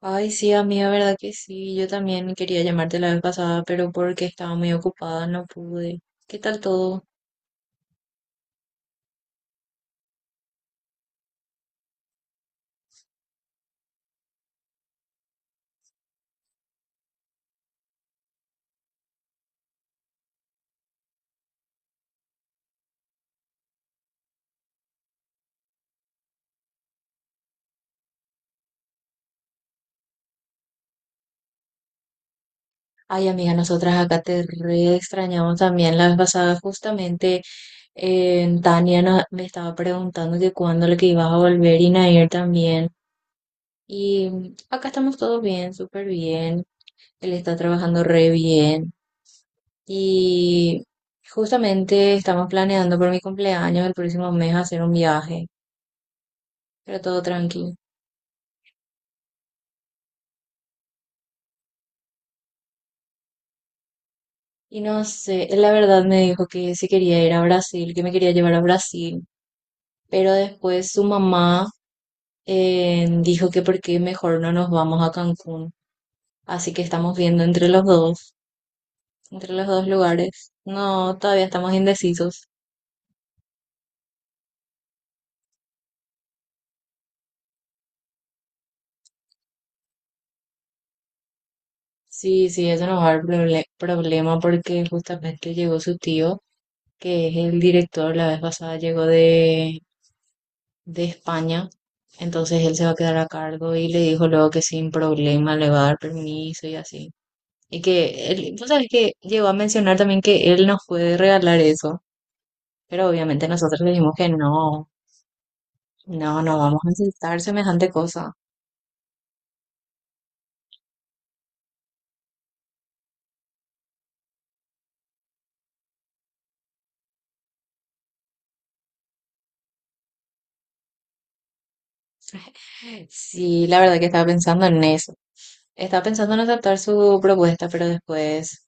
Ay, sí, amiga, verdad que sí. Yo también quería llamarte la vez pasada, pero porque estaba muy ocupada no pude. ¿Qué tal todo? Ay, amiga, nosotras acá te re extrañamos también la vez pasada. Justamente Tania me estaba preguntando que cuándo le que ibas a volver y Nair también. Y acá estamos todos bien, súper bien. Él está trabajando re bien. Y justamente estamos planeando por mi cumpleaños el próximo mes hacer un viaje, pero todo tranquilo. Y no sé, él la verdad me dijo que se quería ir a Brasil, que me quería llevar a Brasil, pero después su mamá dijo que por qué mejor no nos vamos a Cancún. Así que estamos viendo entre los dos lugares. No, todavía estamos indecisos. Sí, sí, eso nos va a dar problema porque justamente llegó su tío, que es el director, la vez pasada llegó de España. Entonces él se va a quedar a cargo y le dijo luego que sin problema le va a dar permiso y así. Y que él, tú sabes que llegó a mencionar también que él nos puede regalar eso, pero obviamente nosotros le dijimos que no, no, no vamos a aceptar semejante cosa. Sí, la verdad que estaba pensando en eso. Estaba pensando en aceptar su propuesta, pero después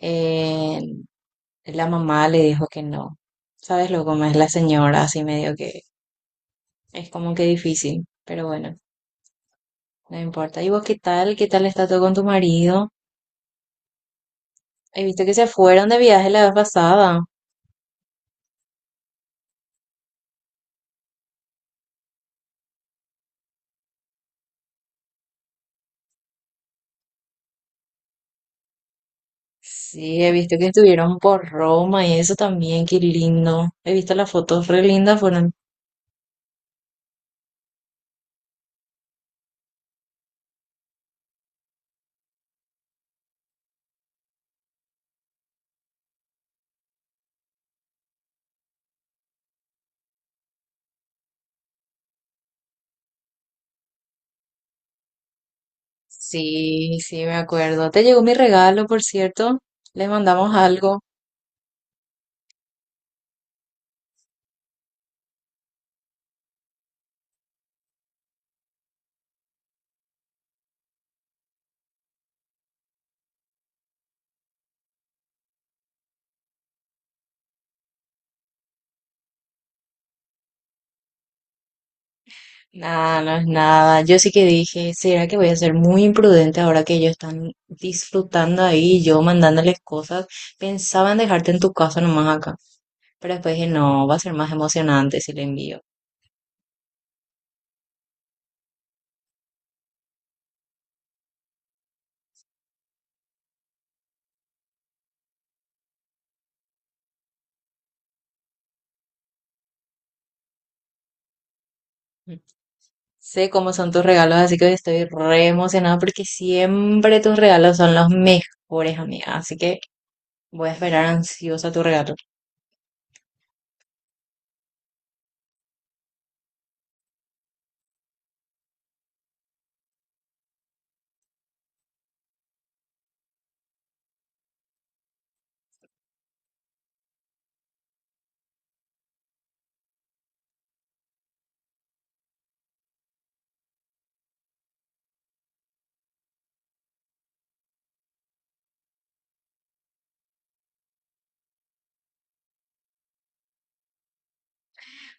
eh, la mamá le dijo que no. ¿Sabes lo cómo es la señora? Así medio que es como que difícil, pero bueno, no importa. ¿Y vos qué tal? ¿Qué tal está todo con tu marido? He visto que se fueron de viaje la vez pasada. Sí, he visto que estuvieron por Roma y eso también, qué lindo. He visto las fotos re lindas, fueron. Sí, sí, me acuerdo. Te llegó mi regalo, por cierto. Les mandamos algo. Nada, no es nada. Yo sí que dije, ¿será que voy a ser muy imprudente ahora que ellos están disfrutando ahí y yo mandándoles cosas? Pensaba en dejarte en tu casa nomás acá. Pero después dije, no, va a ser más emocionante si le envío. Sé cómo son tus regalos, así que estoy re emocionada porque siempre tus regalos son los mejores, amiga. Así que voy a esperar ansiosa tu regalo.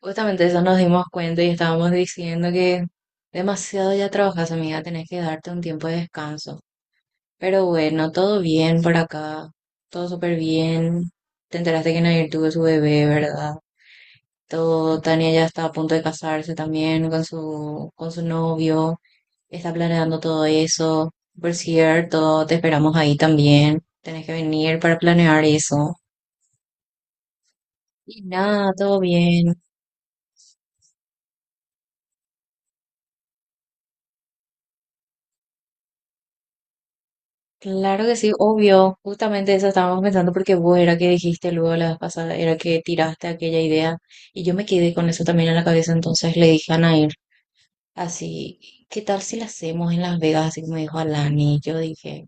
Justamente eso nos dimos cuenta y estábamos diciendo que demasiado ya trabajas, amiga. Tenés que darte un tiempo de descanso. Pero bueno, todo bien por acá. Todo súper bien. Te enteraste que Nair tuvo su bebé, ¿verdad? Todo, Tania ya está a punto de casarse también con su novio. Está planeando todo eso. Por cierto, te esperamos ahí también. Tenés que venir para planear eso. Y nada, todo bien. Claro que sí, obvio. Justamente eso estábamos pensando porque vos era que dijiste luego la vez pasada, era que tiraste aquella idea. Y yo me quedé con eso también en la cabeza, entonces le dije a Nair, así, ¿qué tal si la hacemos en Las Vegas? Así como dijo Alani. Yo dije,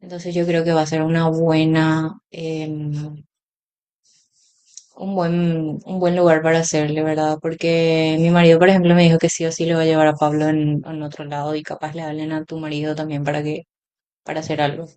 entonces yo creo que va a ser una buena, un buen lugar para hacerle, ¿verdad? Porque mi marido, por ejemplo, me dijo que sí o sí le va a llevar a Pablo en otro lado y capaz le hablen a tu marido también para hacer algo.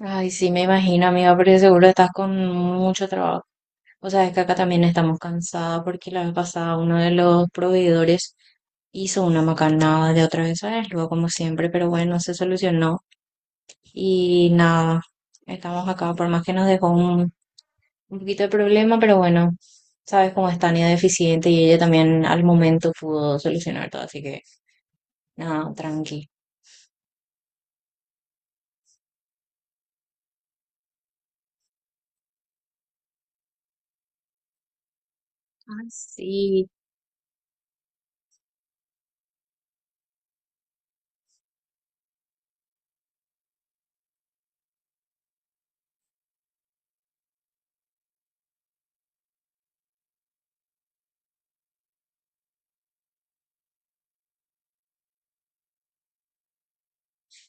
Ay, sí, me imagino, amiga, porque seguro estás con mucho trabajo. O sea, es que acá también estamos cansadas porque la vez pasada uno de los proveedores hizo una macanada de otra vez a él, luego como siempre, pero bueno, se solucionó y nada, estamos acá, por más que nos dejó un poquito de problema, pero bueno, sabes cómo es Tania deficiente y ella también al momento pudo solucionar todo, así que nada, tranqui. Ay, sí.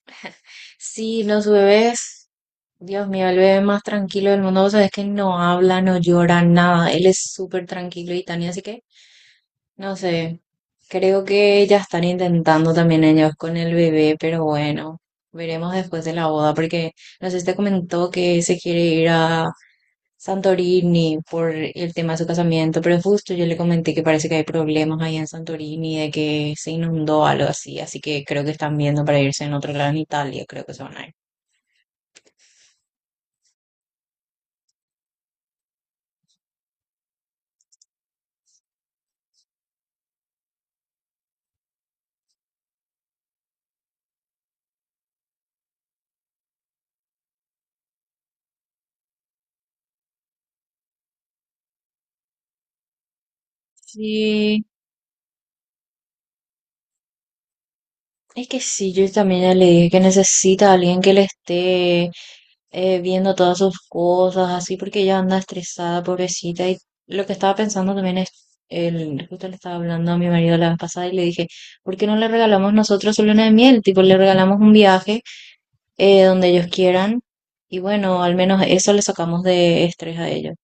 Sí, los bebés, Dios mío, el bebé más tranquilo del mundo, o sea, es que no habla, no llora, nada, él es súper tranquilo y Tania, así que no sé, creo que ya están intentando también ellos con el bebé, pero bueno, veremos después de la boda, porque no sé si te comentó que se quiere ir a Santorini por el tema de su casamiento, pero justo yo le comenté que parece que hay problemas ahí en Santorini, de que se inundó algo así, así que creo que están viendo para irse en otro lado en Italia, creo que se van a ir. Sí, es que sí, yo también ya le dije que necesita a alguien que le esté viendo todas sus cosas, así, porque ella anda estresada, pobrecita, y lo que estaba pensando también es, el, justo le estaba hablando a mi marido la vez pasada y le dije, ¿por qué no le regalamos nosotros su luna de miel? Tipo, le regalamos un viaje donde ellos quieran. Y bueno, al menos eso le sacamos de estrés a ellos.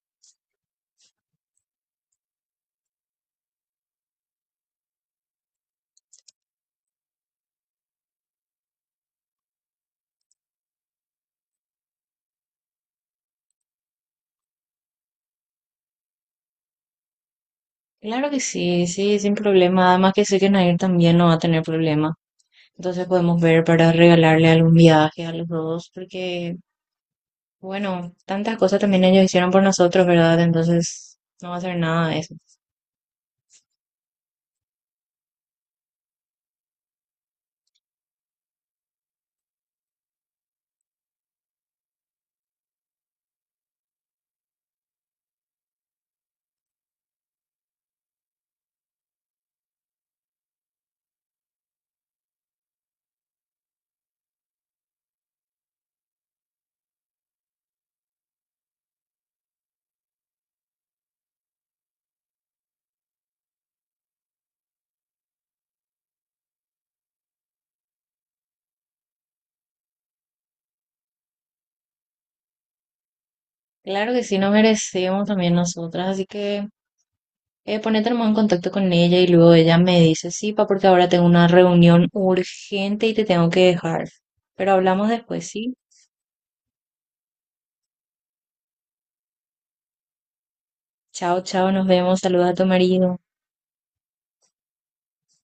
Claro que sí, sí, sin problema. Además que sé que Nair también no va a tener problema. Entonces podemos ver para regalarle algún viaje a los dos, porque, bueno, tantas cosas también ellos hicieron por nosotros, ¿verdad? Entonces no va a ser nada de eso. Claro que sí, nos merecemos también nosotras, así que ponete nomás en contacto con ella y luego ella me dice, sí, pa, porque ahora tengo una reunión urgente y te tengo que dejar. Pero hablamos después, ¿sí? Chao, chao, nos vemos. Saluda a tu marido.